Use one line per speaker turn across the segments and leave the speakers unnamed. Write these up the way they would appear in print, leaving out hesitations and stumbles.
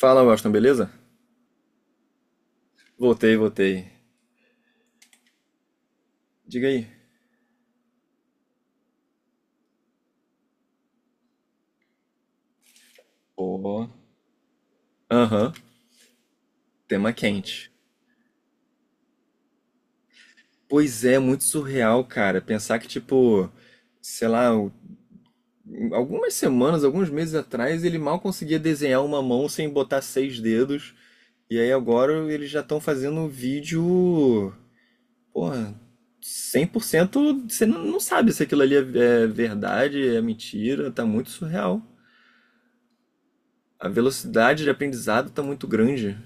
Fala, Washington, beleza? Voltei, voltei. Diga aí. Pô, aham, tema quente. Pois é, muito surreal, cara. Pensar que, tipo, sei lá, algumas semanas, alguns meses atrás, ele mal conseguia desenhar uma mão sem botar seis dedos. E aí agora eles já estão fazendo um vídeo. Porra, 100% você não sabe se aquilo ali é verdade, é mentira. Tá muito surreal. A velocidade de aprendizado tá muito grande.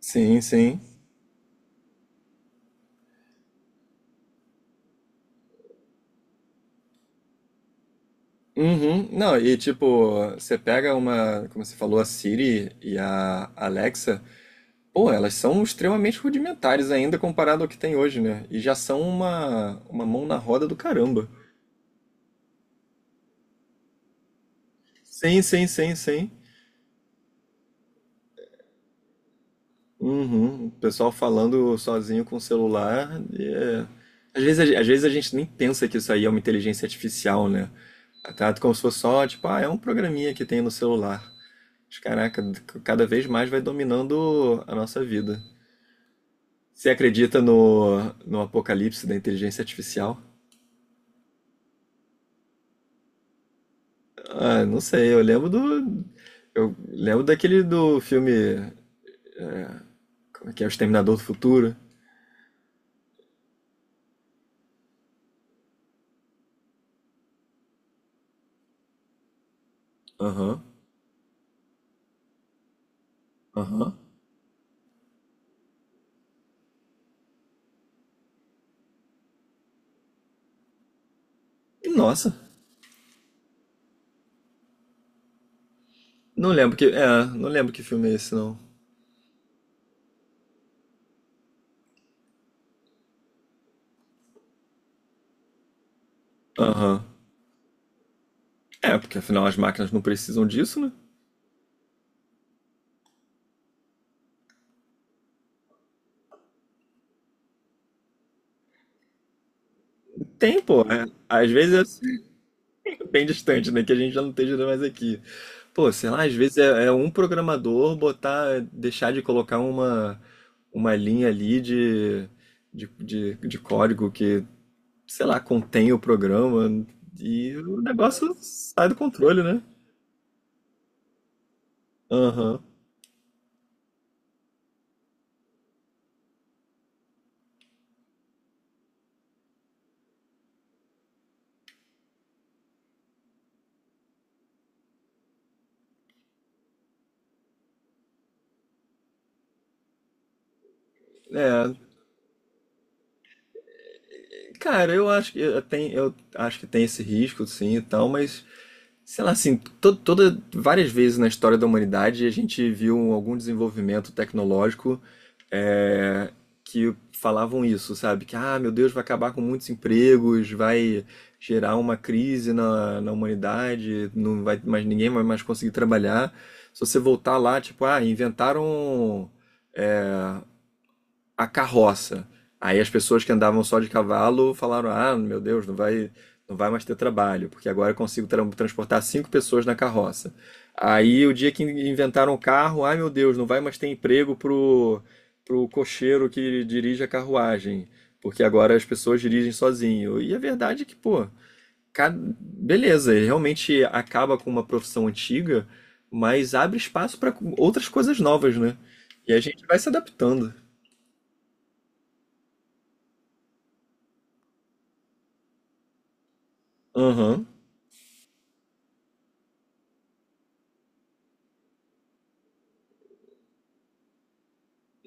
Sim, sim. Uhum. Não, e tipo, você pega uma, como você falou, a Siri e a Alexa, pô, elas são extremamente rudimentares ainda comparado ao que tem hoje, né? E já são uma mão na roda do caramba. Sim, sim, sim, sim. Uhum. O pessoal falando sozinho com o celular. Às vezes, às vezes a gente nem pensa que isso aí é uma inteligência artificial, né? Trata como se fosse só, tipo, ah, é um programinha que tem no celular. Mas, caraca, cada vez mais vai dominando a nossa vida. Você acredita no apocalipse da inteligência artificial? Ah, não sei, eu lembro do. Eu lembro daquele do filme. Como é que é? O Exterminador do Futuro. Aham, aham. Nossa, não lembro que. É, não lembro que filme é esse, não. Aham. É, porque afinal as máquinas não precisam disso, né? Tem, pô. É. Às vezes. É. Bem distante, né? Que a gente já não esteja mais aqui. Pô, sei lá, às vezes é, é um programador botar, deixar de colocar uma linha ali de, de código que, sei lá, contém o programa e o negócio sai do controle, né? Aham. É, cara, eu acho que eu tem, eu acho que tem esse risco, sim, e tal, mas sei lá, assim, to toda, várias vezes na história da humanidade a gente viu um, algum desenvolvimento tecnológico é, que falavam isso, sabe? Que, ah, meu Deus, vai acabar com muitos empregos, vai gerar uma crise na humanidade, não vai, mas ninguém vai mais conseguir trabalhar. Se você voltar lá, tipo, ah, inventaram a carroça. Aí as pessoas que andavam só de cavalo falaram: ah, meu Deus, não vai mais ter trabalho, porque agora eu consigo transportar cinco pessoas na carroça. Aí o dia que inventaram o carro, ai meu Deus, não vai mais ter emprego pro cocheiro que dirige a carruagem, porque agora as pessoas dirigem sozinho. E a verdade é que, pô, beleza, ele realmente acaba com uma profissão antiga, mas abre espaço para outras coisas novas, né? E a gente vai se adaptando. Aham.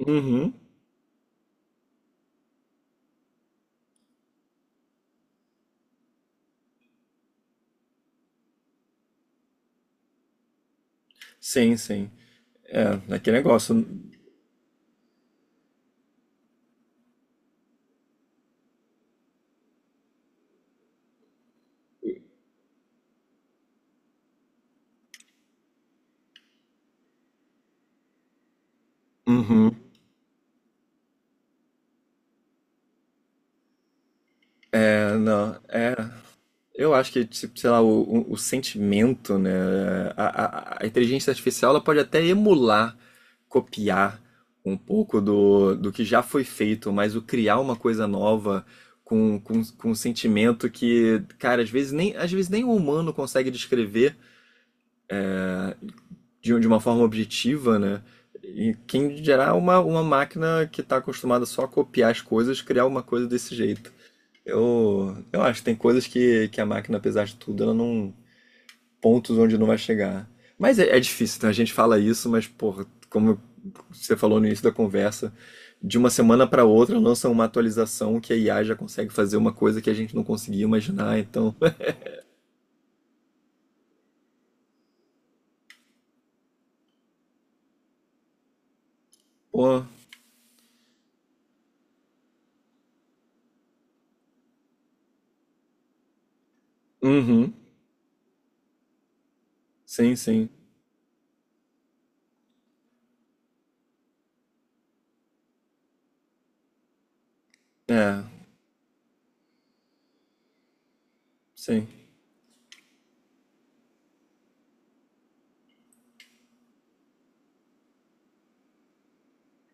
Uhum. Sim, sim. É, aquele negócio. Uhum. É, não, é. Eu acho que, tipo, sei lá, o, o sentimento, né? A, a inteligência artificial ela pode até emular, copiar um pouco do, do que já foi feito, mas o criar uma coisa nova com um sentimento que, cara, às vezes nem o humano consegue descrever, de uma forma objetiva, né? E quem gerar uma máquina que está acostumada só a copiar as coisas, criar uma coisa desse jeito. Eu acho que tem coisas que a máquina, apesar de tudo, ela não. Pontos onde não vai chegar. Mas é, é difícil, né? A gente fala isso, mas, porra, como você falou no início da conversa, de uma semana para outra lança uma atualização que a IA já consegue fazer uma coisa que a gente não conseguia imaginar, então. Pô, uhum, sim, sim. É, sim,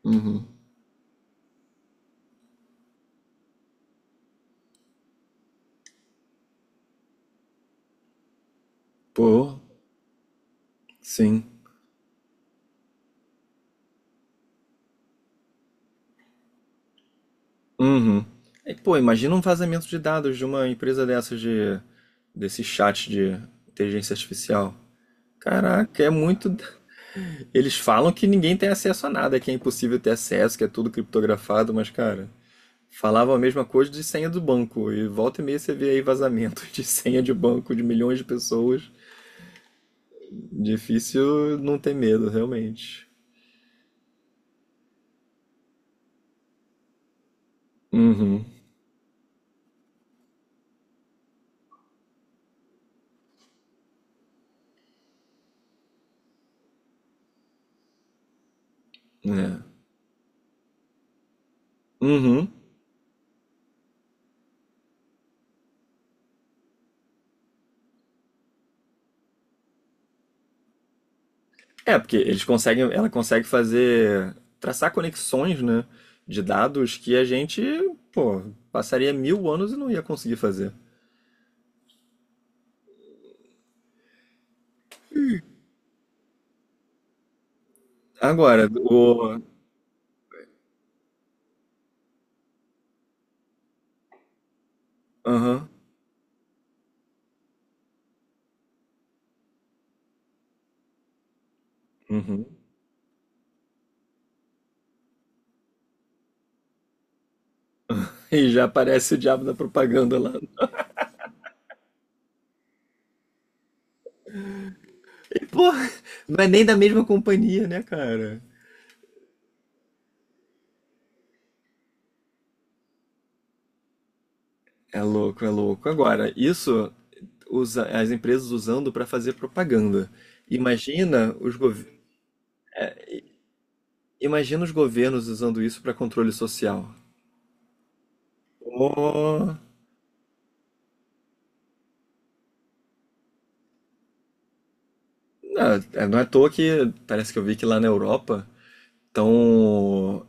uhum. Pô, sim. Uhum. E, pô, imagina um vazamento de dados de uma empresa dessas de desse chat de inteligência artificial. Caraca, é muito. Eles falam que ninguém tem acesso a nada, que é impossível ter acesso, que é tudo criptografado, mas, cara, falavam a mesma coisa de senha do banco. E volta e meia você vê aí vazamento de senha de banco de milhões de pessoas. Difícil não ter medo, realmente. Uhum. É. Uhum. É, porque eles conseguem, ela consegue fazer, traçar conexões, né, de dados que a gente, pô, passaria 1.000 anos e não ia conseguir fazer. Agora, o. Aham. Uhum. E já aparece o diabo da propaganda lá. E, pô, não é nem da mesma companhia, né, cara? É louco, é louco. Agora, isso usa, as empresas usando para fazer propaganda. Imagina os, gov- Imagina os governos usando isso para controle social. Oh. Não, é, não é à toa que parece que eu vi que lá na Europa estão.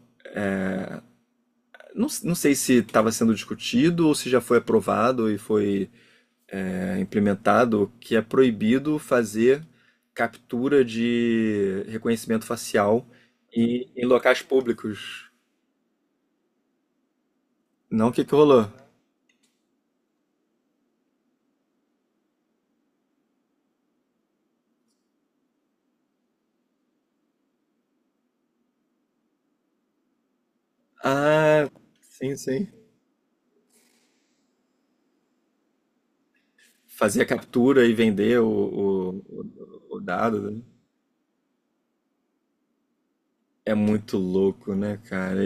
Não, não sei se estava sendo discutido ou se já foi aprovado e foi é, implementado que é proibido fazer captura de reconhecimento facial e, em locais públicos. Não, o que que rolou? Ah, sim, sim. Fazer a captura e vender o, o dado né? É muito louco, né, cara?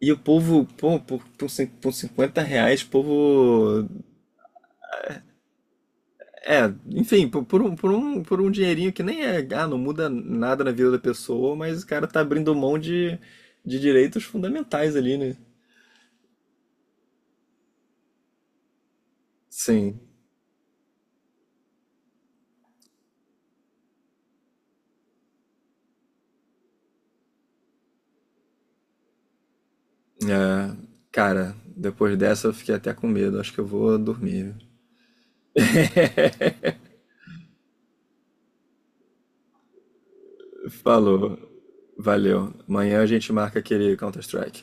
E o povo, pô, por 50 reais, o povo. É, enfim, por um dinheirinho que nem é. Ah, não muda nada na vida da pessoa, mas o cara tá abrindo mão de direitos fundamentais ali, né? Sim. É, cara, depois dessa eu fiquei até com medo. Acho que eu vou dormir. Falou. Valeu. Amanhã a gente marca aquele Counter-Strike.